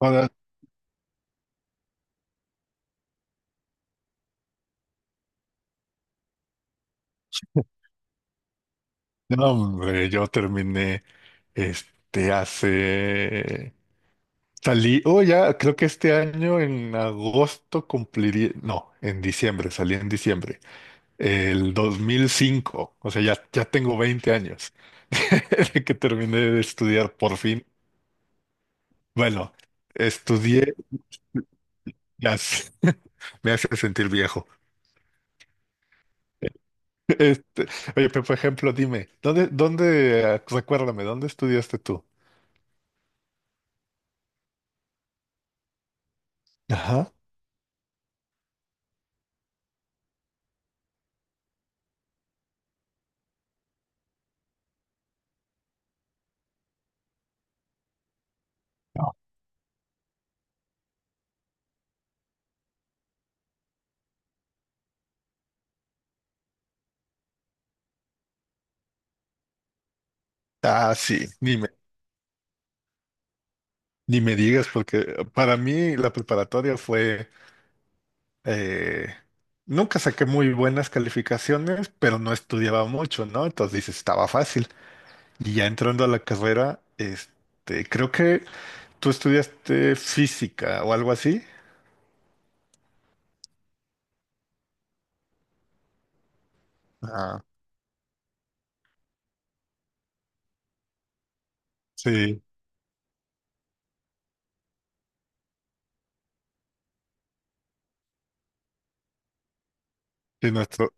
Ahora, no, hombre, yo terminé este hace. Salí, creo que este año en agosto cumpliría. No, en diciembre, salí en diciembre. El 2005. O sea, ya tengo 20 años de que terminé de estudiar por fin. Bueno, estudié. Ya sé, me hace sentir viejo. Este, oye, pero por ejemplo, dime, recuérdame, ¿dónde estudiaste tú? Ajá. Ah, sí, ni me, ni me digas, porque para mí la preparatoria fue... eh, nunca saqué muy buenas calificaciones, pero no estudiaba mucho, ¿no? Entonces dices, estaba fácil. Y ya entrando a la carrera, creo que tú estudiaste física o algo así. Ah, sí. Sí, nuestro,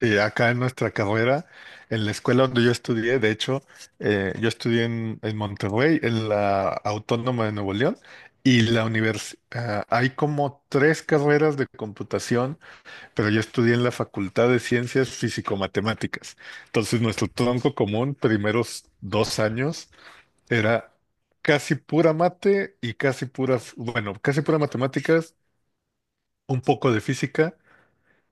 Y acá en nuestra carrera, en la escuela donde yo estudié, de hecho, yo estudié en Monterrey, en la Autónoma de Nuevo León, y la universidad, hay como tres carreras de computación, pero yo estudié en la Facultad de Ciencias Físico-Matemáticas. Entonces, nuestro tronco común, primeros 2 años, era casi pura mate y casi puras, bueno, casi pura matemáticas, un poco de física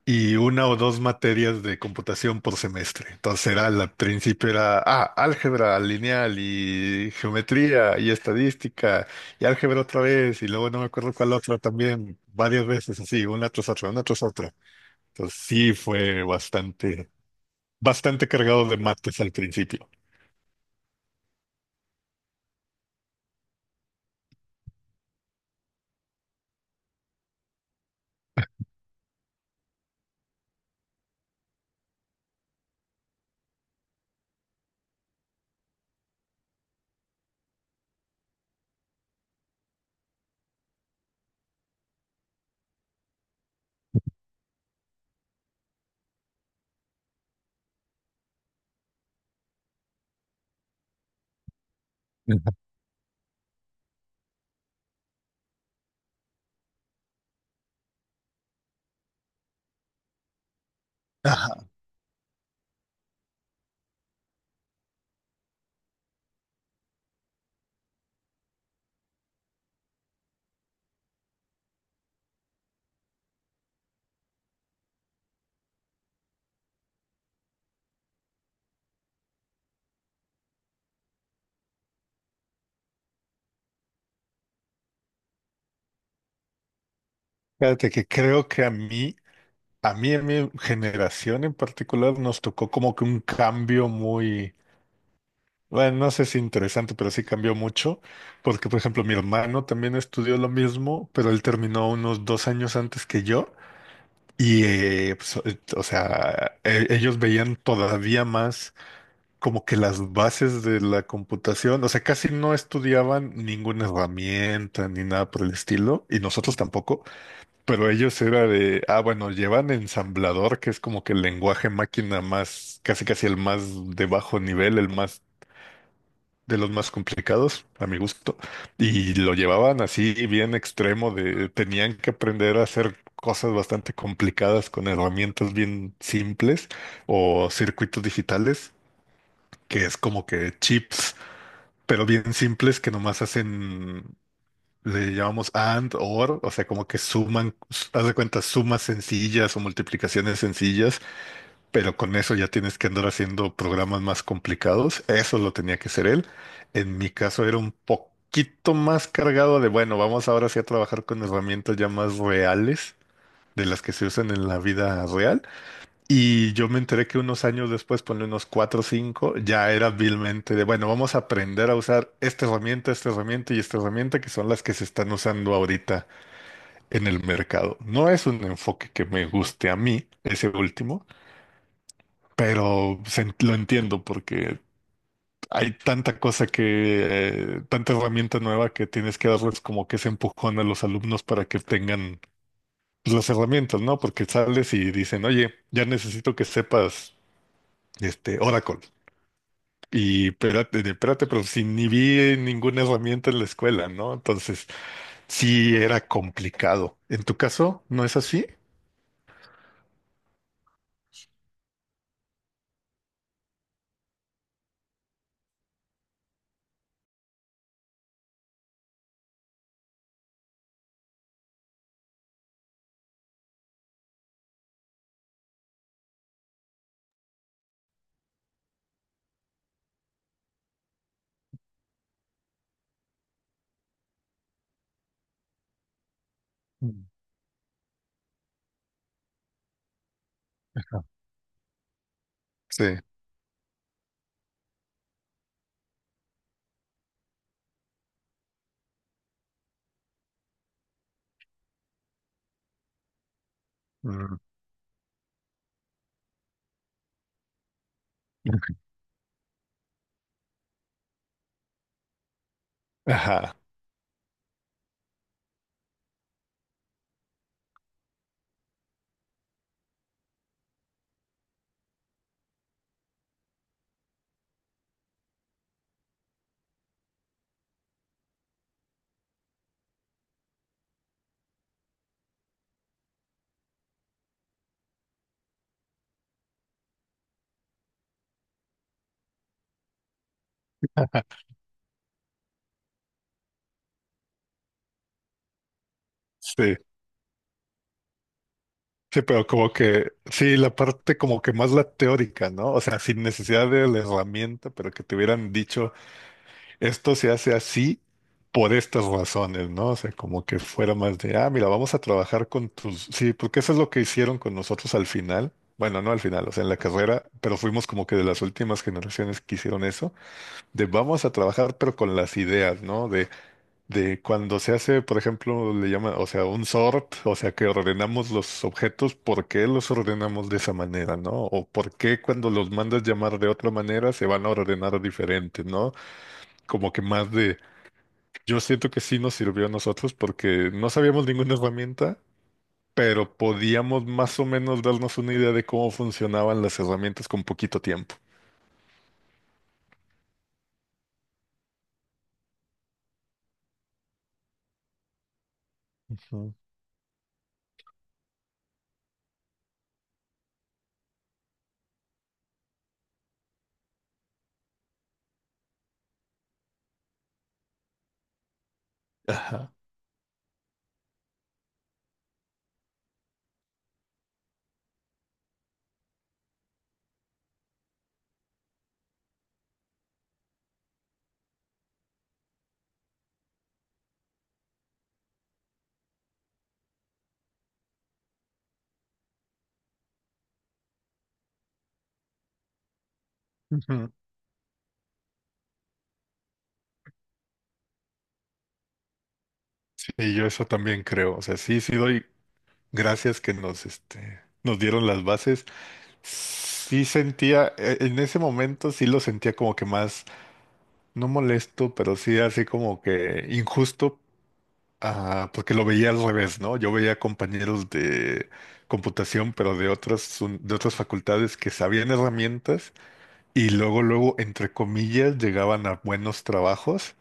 y una o dos materias de computación por semestre. Entonces era, al principio era, ah, álgebra lineal y geometría y estadística y álgebra otra vez y luego no me acuerdo cuál otra también, varias veces así, una tras otra, una tras otra. Entonces sí fue bastante, bastante cargado de mates al principio. Ajá. Fíjate que creo que a mi generación en particular, nos tocó como que un cambio muy, bueno, no sé si interesante, pero sí cambió mucho, porque por ejemplo mi hermano también estudió lo mismo, pero él terminó unos 2 años antes que yo y ellos veían todavía más como que las bases de la computación, o sea, casi no estudiaban ninguna herramienta ni nada por el estilo, y nosotros tampoco, pero ellos era de, ah, bueno, llevan ensamblador, que es como que el lenguaje máquina más, casi casi el más de bajo nivel, el más de los más complicados, a mi gusto, y lo llevaban así bien extremo de tenían que aprender a hacer cosas bastante complicadas con herramientas bien simples o circuitos digitales, que es como que chips, pero bien simples que nomás hacen, le llamamos and or, o sea, como que suman, haz de cuenta, sumas sencillas o multiplicaciones sencillas pero con eso ya tienes que andar haciendo programas más complicados. Eso lo tenía que ser él. En mi caso era un poquito más cargado de, bueno, vamos ahora sí a trabajar con herramientas ya más reales de las que se usan en la vida real. Y yo me enteré que unos años después, ponle unos cuatro o cinco, ya era vilmente de, bueno, vamos a aprender a usar esta herramienta y esta herramienta que son las que se están usando ahorita en el mercado. No es un enfoque que me guste a mí, ese último, pero lo entiendo porque hay tanta cosa que, tanta herramienta nueva que tienes que darles como que ese empujón a los alumnos para que tengan pues, las herramientas, ¿no? Porque sales y dicen, oye, ya necesito que sepas este Oracle. Y espérate, espérate, pero si ni vi ninguna herramienta en la escuela, ¿no? Entonces, sí era complicado. ¿En tu caso no es así? Mm. Sí. Mm. Ajá. Sí. Sí, pero como que, sí, la parte como que más la teórica, ¿no? O sea, sin necesidad de la herramienta, pero que te hubieran dicho, esto se hace así por estas razones, ¿no? O sea, como que fuera más de, ah, mira, vamos a trabajar con tus, sí, porque eso es lo que hicieron con nosotros al final. Bueno, no al final, o sea, en la carrera, pero fuimos como que de las últimas generaciones que hicieron eso, de vamos a trabajar, pero con las ideas, ¿no? De cuando se hace, por ejemplo, le llama, o sea, un sort, o sea, que ordenamos los objetos, ¿por qué los ordenamos de esa manera, no? O por qué cuando los mandas llamar de otra manera se van a ordenar diferente, ¿no? Como que más de, yo siento que sí nos sirvió a nosotros porque no sabíamos ninguna herramienta, pero podíamos más o menos darnos una idea de cómo funcionaban las herramientas con poquito tiempo. Ujú. Ajá. Ujú. Sí, yo eso también creo. O sea, sí doy gracias que nos, nos dieron las bases. Sí sentía, en ese momento sí lo sentía como que más, no molesto, pero sí así como que injusto, ah, porque lo veía al revés, ¿no? Yo veía compañeros de computación, pero de de otras facultades que sabían herramientas y luego, luego, entre comillas, llegaban a buenos trabajos.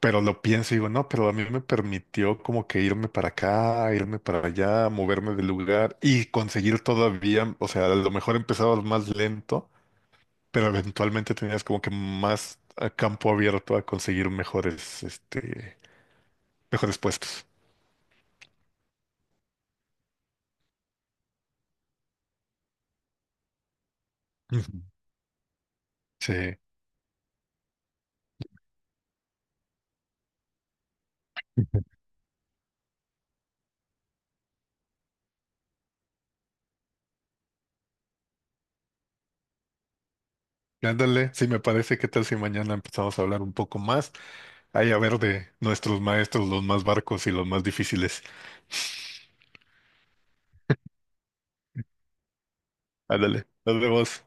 Pero lo pienso y digo, no, pero a mí me permitió como que irme para acá, irme para allá, moverme de lugar y conseguir todavía, o sea, a lo mejor empezabas más lento, pero eventualmente tenías como que más campo abierto a conseguir mejores, mejores puestos. Ujú. Sí. Ujú. Ándale, sí me parece, ¿qué tal si mañana empezamos a hablar un poco más? Ahí a ver de nuestros maestros, los más barcos y los más difíciles. Ándale, nos vemos.